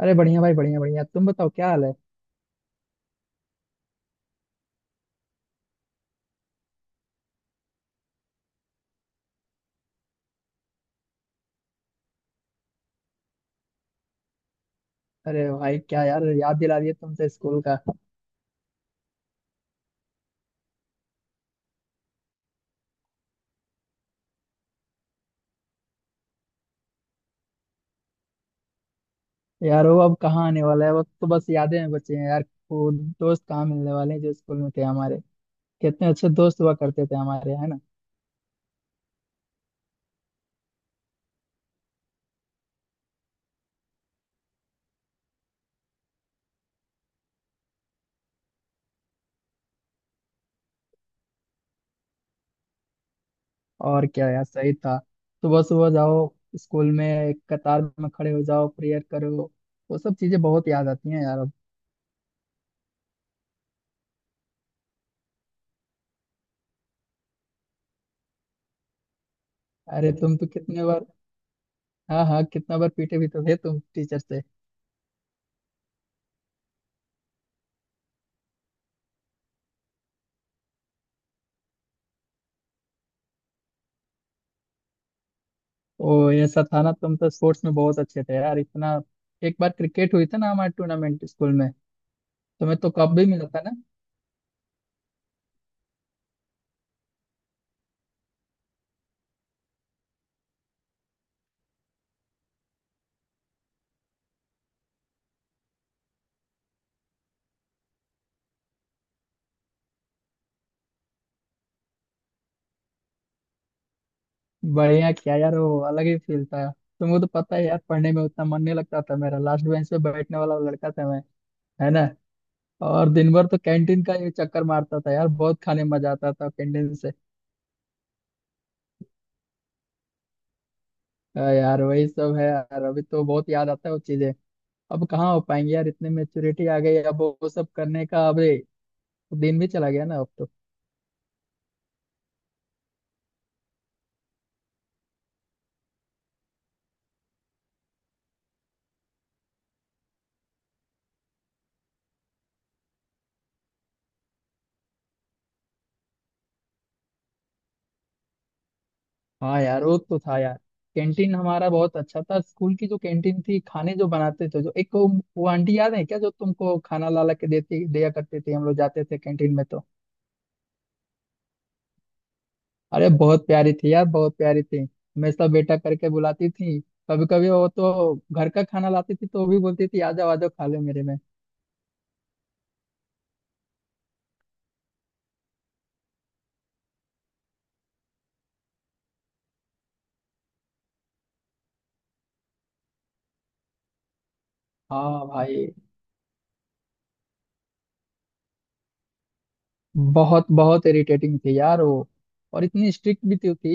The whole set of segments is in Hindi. अरे बढ़िया भाई, बढ़िया बढ़िया तुम बताओ क्या हाल है। अरे भाई क्या यार, याद दिला दिया तुमसे स्कूल का। यार वो अब कहाँ आने वाला है, वो तो बस यादें में बचे हैं यार। वो दोस्त कहाँ मिलने वाले हैं जो स्कूल में थे हमारे। कितने अच्छे दोस्त हुआ करते थे हमारे, है ना। और क्या यार, सही था। सुबह सुबह जाओ, स्कूल में कतार में खड़े हो जाओ, प्रेयर करो। वो सब चीजें बहुत याद आती हैं यार अब। अरे तुम तो कितने बार, हाँ हाँ, कितना बार पीटे भी तो थे तुम टीचर से। ओ ऐसा था ना, तुम तो स्पोर्ट्स में बहुत अच्छे थे यार इतना। एक बार क्रिकेट हुई थी ना हमारे टूर्नामेंट स्कूल में। तुम्हें तो कप भी मिला था ना। बढ़िया क्या यार, वो अलग ही फील था। तुमको तो पता है यार, पढ़ने में उतना मन नहीं लगता था मेरा। लास्ट बेंच पे बैठने वाला लड़का था मैं, है ना। और दिन भर तो कैंटीन का ये चक्कर मारता था यार, बहुत खाने में मजा आता था कैंटीन से। यार वही सब है यार, अभी तो बहुत याद आता है वो चीजें। अब कहाँ हो पाएंगे यार, इतनी मेच्योरिटी आ गई, अब वो सब करने का। अरे दिन भी चला गया ना अब तो। हाँ यार वो तो था यार। कैंटीन हमारा बहुत अच्छा था, स्कूल की जो कैंटीन थी, खाने जो बनाते थे, जो एक वो आंटी याद है क्या, जो तुमको खाना ला ला के देती दिया करती थी, हम लोग जाते थे कैंटीन में तो। अरे बहुत प्यारी थी यार, बहुत प्यारी थी, हमेशा बेटा करके बुलाती थी। कभी कभी वो तो घर का खाना लाती थी, तो वो भी बोलती थी आ जाओ खा लो मेरे में। हाँ भाई, बहुत बहुत इरिटेटिंग थी यार वो। और इतनी स्ट्रिक्ट भी तो थी।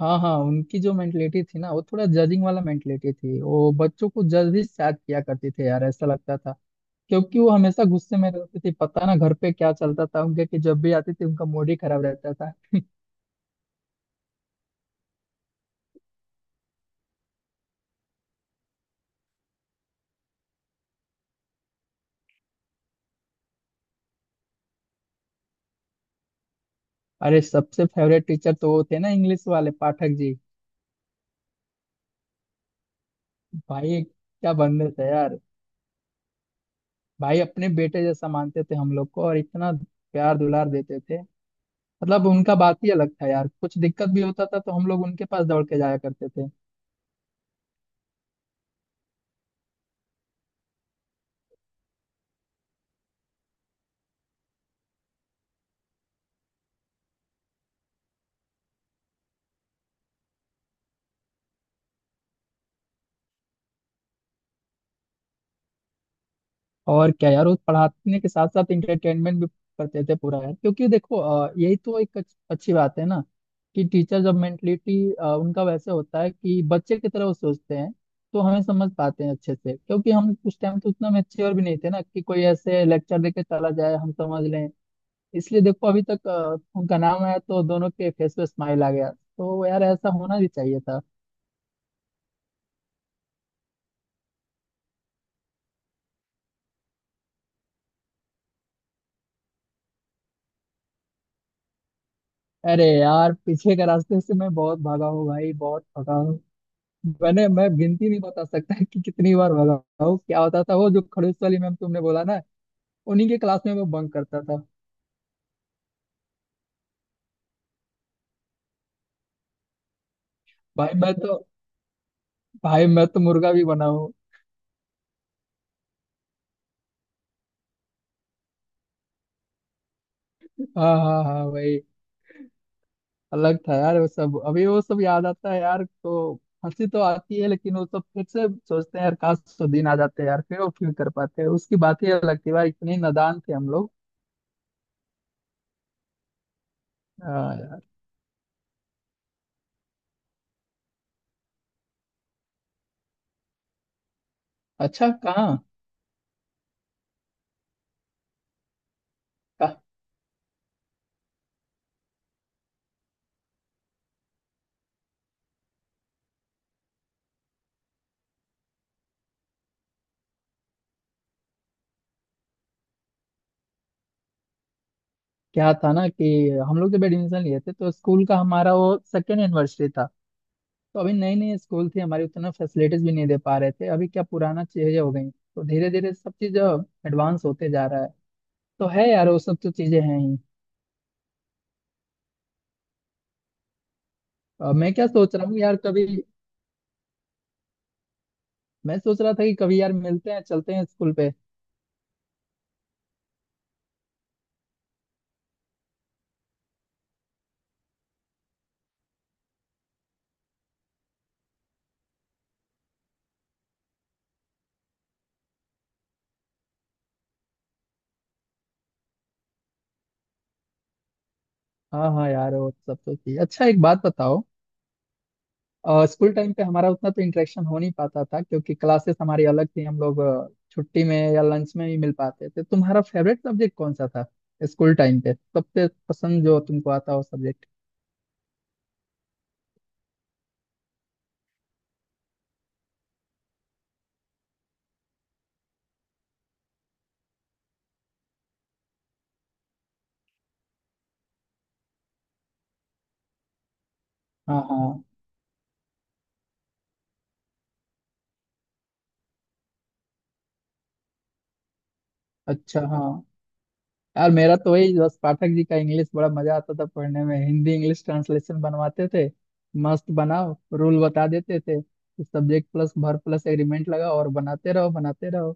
हाँ हाँ, उनकी जो मेंटलिटी थी ना वो थोड़ा जजिंग वाला मेंटलिटी थी, वो बच्चों को जज ही शायद किया करते थे यार, ऐसा लगता था। क्योंकि वो हमेशा गुस्से में रहते थे, पता ना घर पे क्या चलता था उनके, कि जब भी आते थे उनका मूड ही खराब रहता था अरे सबसे फेवरेट टीचर तो वो थे ना, इंग्लिश वाले पाठक जी। भाई क्या बंदे थे यार। भाई अपने बेटे जैसा मानते थे हम लोग को, और इतना प्यार दुलार देते थे। मतलब उनका बात ही अलग था यार, कुछ दिक्कत भी होता था तो हम लोग उनके पास दौड़ के जाया करते थे। और क्या यार, वो पढ़ाने के साथ साथ इंटरटेनमेंट भी करते थे पूरा यार। क्योंकि देखो यही तो एक अच्छी बात है ना, कि टीचर जब मेंटलिटी उनका वैसे होता है कि बच्चे की तरह वो सोचते हैं, तो हमें समझ पाते हैं अच्छे से। क्योंकि हम उस टाइम तो उतना मेच्योर भी नहीं थे ना, कि कोई ऐसे लेक्चर देके चला जाए हम समझ लें। इसलिए देखो, अभी तक उनका नाम आया तो दोनों के फेस पे स्माइल आ गया, तो यार ऐसा होना भी चाहिए था। अरे यार पीछे के रास्ते से मैं बहुत भागा हूँ भाई, बहुत भागा। मैं गिनती नहीं बता सकता कि कितनी बार भगा हूँ। क्या होता था वो जो खड़ूस वाली मैम, तुमने बोला ना, उन्हीं के क्लास में मैं बंक करता था। भाई मैं तो भाई मैं तो मुर्गा भी बना हूँ। हाँ हाँ हाँ भाई। अलग था यार वो सब, अभी वो सब याद आता है यार तो हंसी तो आती है, लेकिन वो सब फिर से सोचते हैं यार, काश वो दिन आ जाते यार, फिर वो फील कर पाते हैं। उसकी बात ही अलग थी भाई, इतने नादान थे हम लोग। हाँ यार। अच्छा कहाँ। कहाँ- क्या था ना, कि हम लोग जब एडमिशन लिए थे तो स्कूल का हमारा वो सेकेंड एनिवर्सरी था। तो अभी नई नई स्कूल थी हमारी, उतना फैसिलिटीज भी नहीं दे पा रहे थे, अभी क्या पुराना चीजें हो गई, तो धीरे धीरे सब चीज एडवांस होते जा रहा है। तो है यार वो सब तो चीजें हैं ही। मैं क्या सोच रहा हूँ यार, कभी मैं सोच रहा था कि कभी यार मिलते हैं, चलते हैं स्कूल पे। हाँ हाँ यार वो सब तो चीज। अच्छा एक बात बताओ, स्कूल टाइम पे हमारा उतना तो इंटरेक्शन हो नहीं पाता था, क्योंकि क्लासेस हमारी अलग थी, हम लोग छुट्टी में या लंच में ही मिल पाते थे। तुम्हारा फेवरेट सब्जेक्ट कौन सा था स्कूल टाइम पे, सबसे पसंद जो तुमको आता हो सब्जेक्ट? हाँ हाँ। अच्छा हाँ। यार मेरा तो वही बस पाठक जी का इंग्लिश, बड़ा मजा आता था पढ़ने में। हिंदी इंग्लिश ट्रांसलेशन बनवाते थे, मस्त बनाओ, रूल बता देते थे कि subject plus verb plus agreement लगाओ और बनाते रहो बनाते रहो।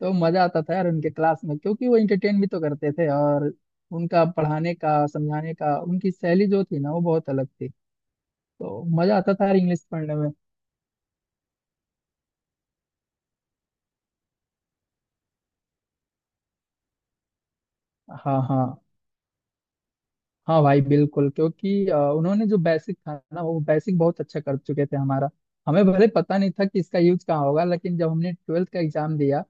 तो मजा आता था यार उनके क्लास में, क्योंकि वो इंटरटेन भी तो करते थे। और उनका पढ़ाने का समझाने का, उनकी शैली जो थी ना, वो बहुत अलग थी। तो मजा आता था यार इंग्लिश पढ़ने में। हाँ हाँ हाँ भाई बिल्कुल। क्योंकि उन्होंने जो बेसिक था ना, वो बेसिक बहुत अच्छा कर चुके थे हमारा। हमें भले पता नहीं था कि इसका यूज कहाँ होगा, लेकिन जब हमने ट्वेल्थ का एग्जाम दिया,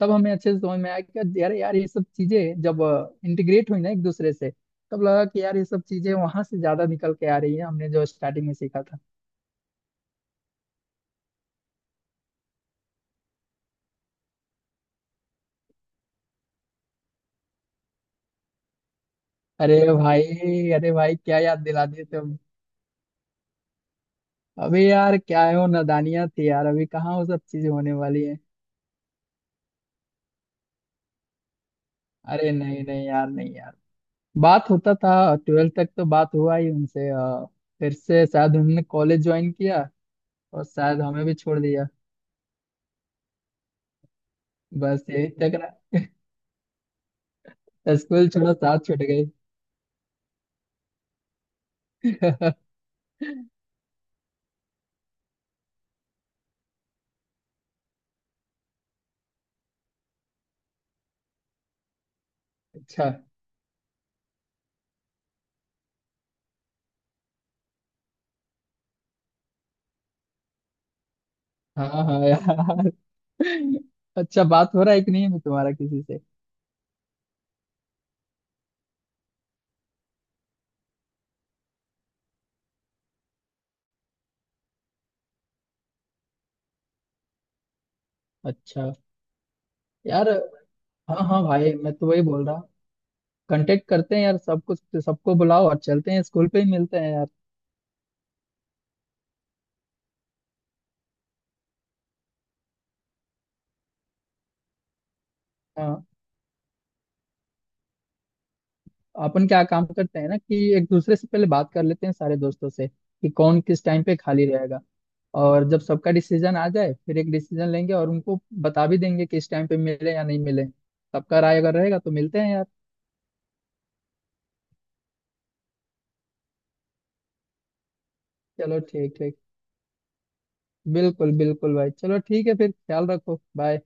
तब हमें अच्छे से समझ में आया कि यार, ये सब चीजें जब इंटीग्रेट हुई ना एक दूसरे से, तब लगा कि यार ये सब चीजें वहां से ज्यादा निकल के आ रही है, हमने जो स्टार्टिंग में सीखा था। अरे भाई अरे भाई क्या याद दिला दिए तुम। अभी यार क्या है, वो नादानियां थी यार, अभी कहाँ वो सब चीजें होने वाली है। अरे नहीं नहीं यार, नहीं यार। बात होता था, ट्वेल्थ तक तो बात हुआ ही उनसे, फिर से शायद उन्होंने कॉलेज ज्वाइन किया और शायद हमें भी छोड़ दिया। बस यही टकरा, स्कूल छोड़ा साथ छूट गई अच्छा। हाँ हाँ यार। अच्छा बात हो रहा है कि नहीं है तुम्हारा किसी से? अच्छा यार। हाँ हाँ भाई, मैं तो वही बोल रहा हूँ, कांटेक्ट करते हैं यार, सब कुछ, सबको बुलाओ और चलते हैं, स्कूल पे ही मिलते हैं यार। अपन क्या काम करते हैं ना, कि एक दूसरे से पहले बात कर लेते हैं सारे दोस्तों से कि कौन किस टाइम पे खाली रहेगा। और जब सबका डिसीजन आ जाए, फिर एक डिसीजन लेंगे और उनको बता भी देंगे कि इस टाइम पे मिले या नहीं मिले, सबका राय अगर रहेगा तो मिलते हैं यार। चलो ठीक ठीक। बिल्कुल बिल्कुल भाई, चलो ठीक है फिर, ख्याल रखो, बाय।